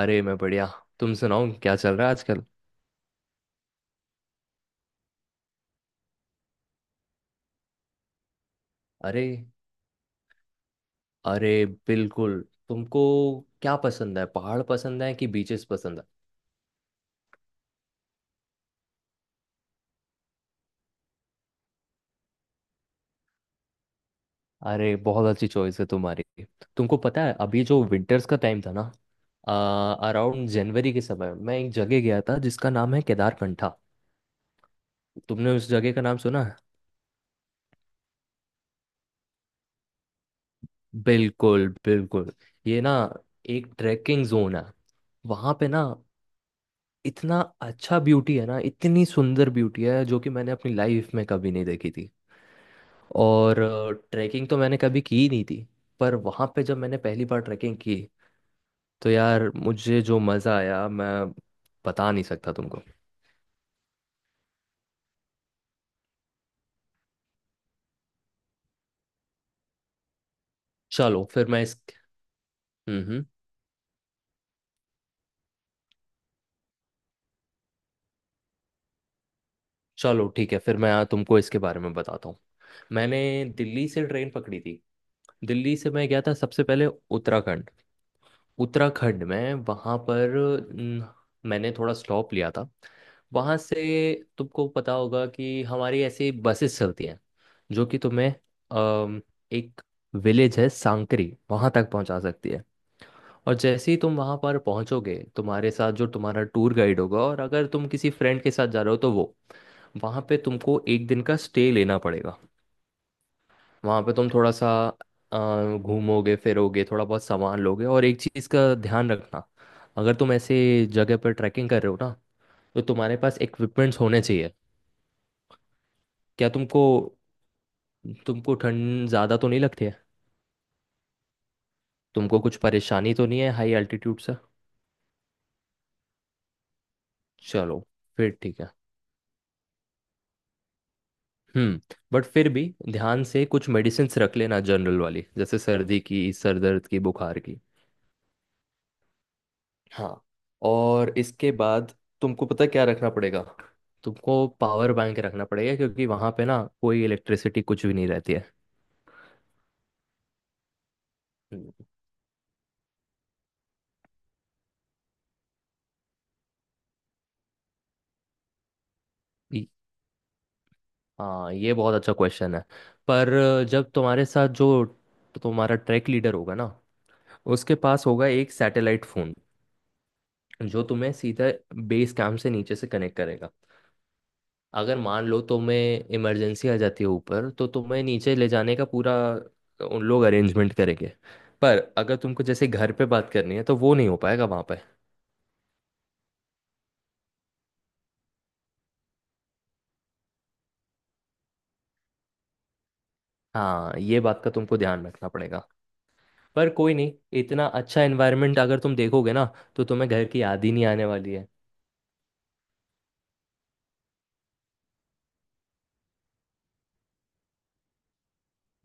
अरे मैं बढ़िया। तुम सुनाओ क्या चल रहा है आजकल? अरे अरे बिल्कुल। तुमको क्या पसंद है, पहाड़ पसंद है कि बीचेस पसंद है? अरे बहुत अच्छी चॉइस है तुम्हारी। तुमको पता है अभी जो विंटर्स का टाइम था ना, अराउंड जनवरी के समय मैं एक जगह गया था जिसका नाम है केदारकंठा। तुमने उस जगह का नाम सुना है? बिल्कुल बिल्कुल। ये ना एक ट्रैकिंग जोन है। वहां पे ना इतना अच्छा ब्यूटी है ना, इतनी सुंदर ब्यूटी है जो कि मैंने अपनी लाइफ में कभी नहीं देखी थी। और ट्रैकिंग तो मैंने कभी की ही नहीं थी, पर वहाँ पे जब मैंने पहली बार ट्रैकिंग की, तो यार मुझे जो मज़ा आया मैं बता नहीं सकता तुमको। चलो फिर मैं इस हम्म। चलो ठीक है, फिर मैं तुमको इसके बारे में बताता हूँ। मैंने दिल्ली से ट्रेन पकड़ी थी। दिल्ली से मैं गया था सबसे पहले उत्तराखंड। उत्तराखंड में वहाँ पर न, मैंने थोड़ा स्लॉप लिया था। वहाँ से तुमको पता होगा कि हमारी ऐसी बसेस चलती हैं जो कि तुम्हें अम, एक विलेज है सांकरी वहाँ तक पहुँचा सकती है। और जैसे ही तुम वहाँ पर पहुँचोगे, तुम्हारे साथ जो तुम्हारा टूर गाइड होगा, और अगर तुम किसी फ्रेंड के साथ जा रहे हो तो वो, वहाँ पे तुमको एक दिन का स्टे लेना पड़ेगा। वहाँ पे तुम थोड़ा सा घूमोगे फिरोगे, थोड़ा बहुत सामान लोगे, और एक चीज़ का ध्यान रखना। अगर तुम ऐसे जगह पर ट्रैकिंग कर रहे हो ना, तो तुम्हारे पास इक्विपमेंट्स होने चाहिए। क्या तुमको तुमको ठंड ज़्यादा तो नहीं लगती है? तुमको कुछ परेशानी तो नहीं है हाई एल्टीट्यूड से? चलो, फिर ठीक है। हम्म। बट फिर भी ध्यान से कुछ मेडिसिन्स रख लेना, जनरल वाली, जैसे सर्दी की, सर दर्द की, बुखार की। हाँ। और इसके बाद तुमको पता है क्या रखना पड़ेगा? तुमको पावर बैंक रखना पड़ेगा, क्योंकि वहां पे ना कोई इलेक्ट्रिसिटी कुछ भी नहीं रहती है। हम्म, ये- हाँ ये बहुत अच्छा क्वेश्चन है। पर जब तुम्हारे साथ जो तुम्हारा ट्रैक लीडर होगा ना, उसके पास होगा एक सैटेलाइट फोन, जो तुम्हें सीधा बेस कैंप से नीचे से कनेक्ट करेगा। अगर मान लो तुम्हें इमरजेंसी आ जाती है ऊपर, तो तुम्हें नीचे ले जाने का पूरा उन लोग अरेंजमेंट करेंगे। पर अगर तुमको जैसे घर पे बात करनी है, तो वो नहीं हो पाएगा वहाँ पे। हाँ ये बात का तुमको ध्यान रखना पड़ेगा। पर कोई नहीं, इतना अच्छा एनवायरनमेंट अगर तुम देखोगे ना, तो तुम्हें घर की याद ही नहीं आने वाली है।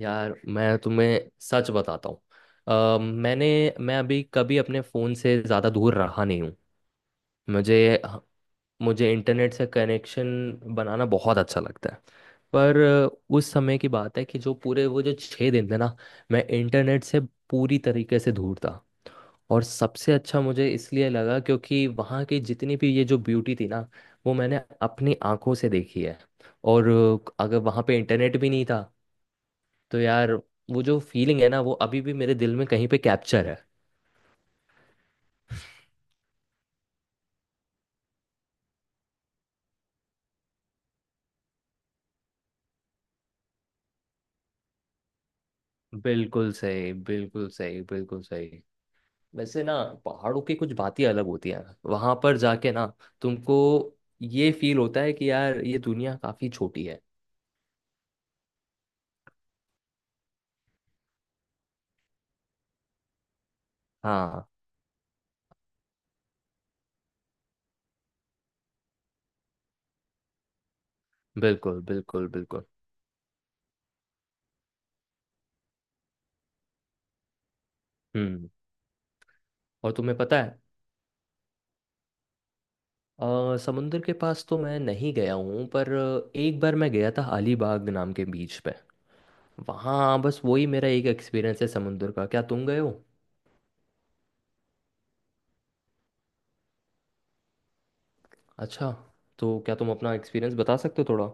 यार मैं तुम्हें सच बताता हूँ। मैं अभी कभी अपने फ़ोन से ज़्यादा दूर रहा नहीं हूँ। मुझे मुझे इंटरनेट से कनेक्शन बनाना बहुत अच्छा लगता है। पर उस समय की बात है कि जो पूरे वो जो छः दिन थे ना, मैं इंटरनेट से पूरी तरीके से दूर था। और सबसे अच्छा मुझे इसलिए लगा क्योंकि वहाँ की जितनी भी ये जो ब्यूटी थी ना, वो मैंने अपनी आंखों से देखी है। और अगर वहाँ पे इंटरनेट भी नहीं था तो यार, वो जो फीलिंग है ना, वो अभी भी मेरे दिल में कहीं पे कैप्चर है। बिल्कुल सही। वैसे ना पहाड़ों की कुछ बातें अलग होती हैं। वहां पर जाके ना तुमको ये फील होता है कि यार ये दुनिया काफी छोटी है। हाँ। बिल्कुल बिल्कुल बिल्कुल। हम्म। और तुम्हें पता है, समुंदर के पास तो मैं नहीं गया हूँ, पर एक बार मैं गया था अलीबाग नाम के बीच पे। वहाँ बस वही मेरा एक एक्सपीरियंस है समुंदर का। क्या तुम गए हो? अच्छा। तो क्या तुम अपना एक्सपीरियंस बता सकते हो थोड़ा?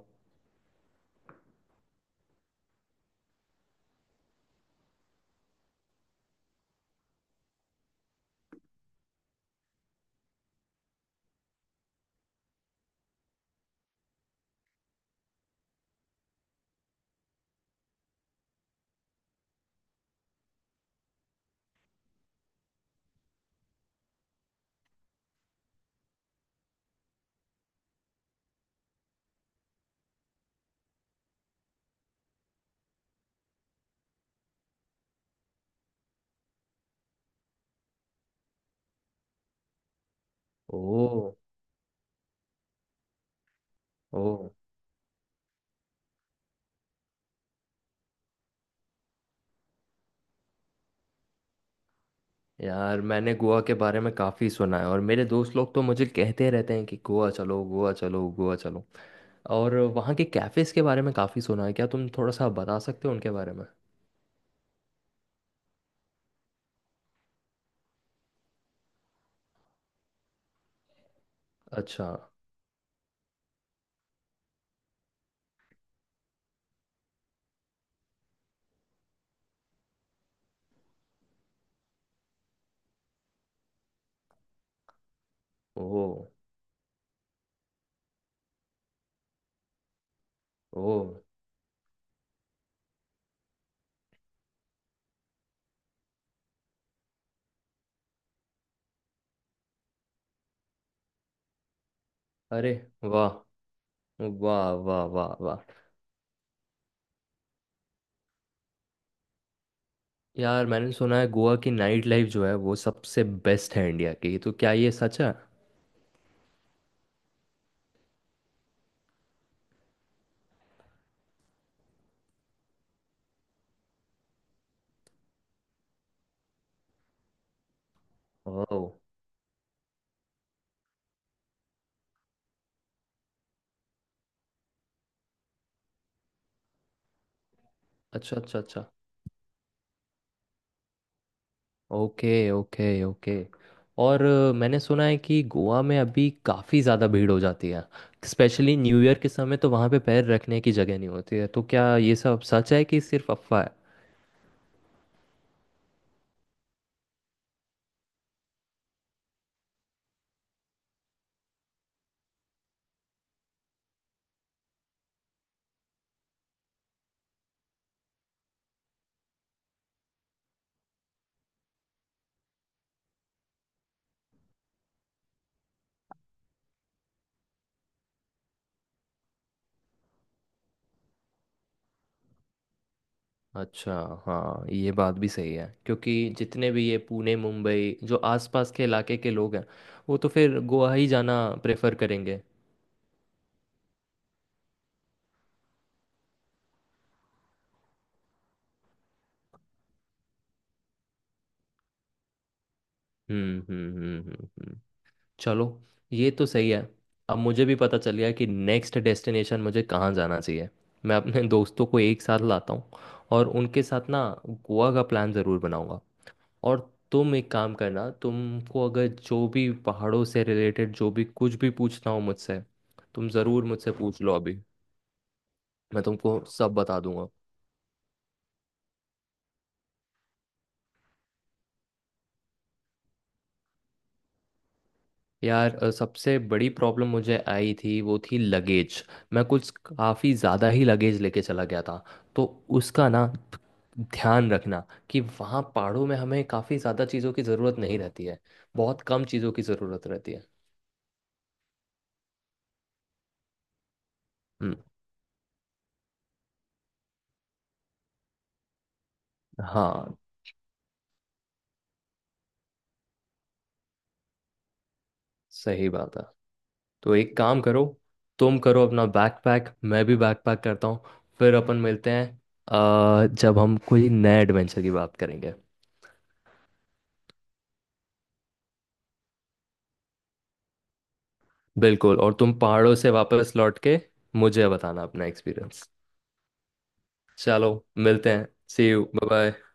ओ। ओ। यार मैंने गोवा के बारे में काफ़ी सुना है, और मेरे दोस्त लोग तो मुझे कहते रहते हैं कि गोवा चलो, गोवा चलो, गोवा चलो। और वहाँ के कैफ़ेज़ के बारे में काफ़ी सुना है, क्या तुम थोड़ा सा बता सकते हो उनके बारे में? अच्छा। ओ। ओ। अरे वाह। वाह वाह वाह वाह। यार मैंने सुना है गोवा की नाइट लाइफ जो है वो सबसे बेस्ट है इंडिया की, तो क्या ये सच है? ओह। अच्छा अच्छा अच्छा। Okay okay okay. और मैंने सुना है कि गोवा में अभी काफ़ी ज़्यादा भीड़ हो जाती है, स्पेशली न्यू ईयर के समय तो वहाँ पे पैर रखने की जगह नहीं होती है, तो क्या ये सब सच है कि सिर्फ अफवाह है? अच्छा। हाँ ये बात भी सही है, क्योंकि जितने भी ये पुणे मुंबई जो आसपास के इलाके के लोग हैं, वो तो फिर गोवा ही जाना प्रेफर करेंगे। हम्म हम्म हम्म हम्म हम्म। चलो, ये तो सही है। अब मुझे भी पता चल गया कि नेक्स्ट डेस्टिनेशन मुझे कहाँ जाना चाहिए। मैं अपने दोस्तों को एक साथ लाता हूँ, और उनके साथ ना गोवा का प्लान ज़रूर बनाऊंगा। और तुम एक काम करना, तुमको अगर जो भी पहाड़ों से रिलेटेड जो भी कुछ भी पूछना हो मुझसे, तुम ज़रूर मुझसे पूछ लो अभी। मैं तुमको सब बता दूंगा। यार सबसे बड़ी प्रॉब्लम मुझे आई थी वो थी लगेज। मैं कुछ काफ़ी ज़्यादा ही लगेज लेके चला गया था। तो उसका ना ध्यान रखना कि वहाँ पहाड़ों में हमें काफ़ी ज़्यादा चीज़ों की ज़रूरत नहीं रहती है। बहुत कम चीज़ों की ज़रूरत रहती है। हम्म। हाँ सही बात है। तो एक काम करो, तुम करो अपना बैकपैक, मैं भी बैकपैक करता हूँ, फिर अपन मिलते हैं जब हम कोई नए एडवेंचर की बात करेंगे। बिल्कुल। और तुम पहाड़ों से वापस लौट के मुझे बताना अपना एक्सपीरियंस। चलो, मिलते हैं। See you, bye bye.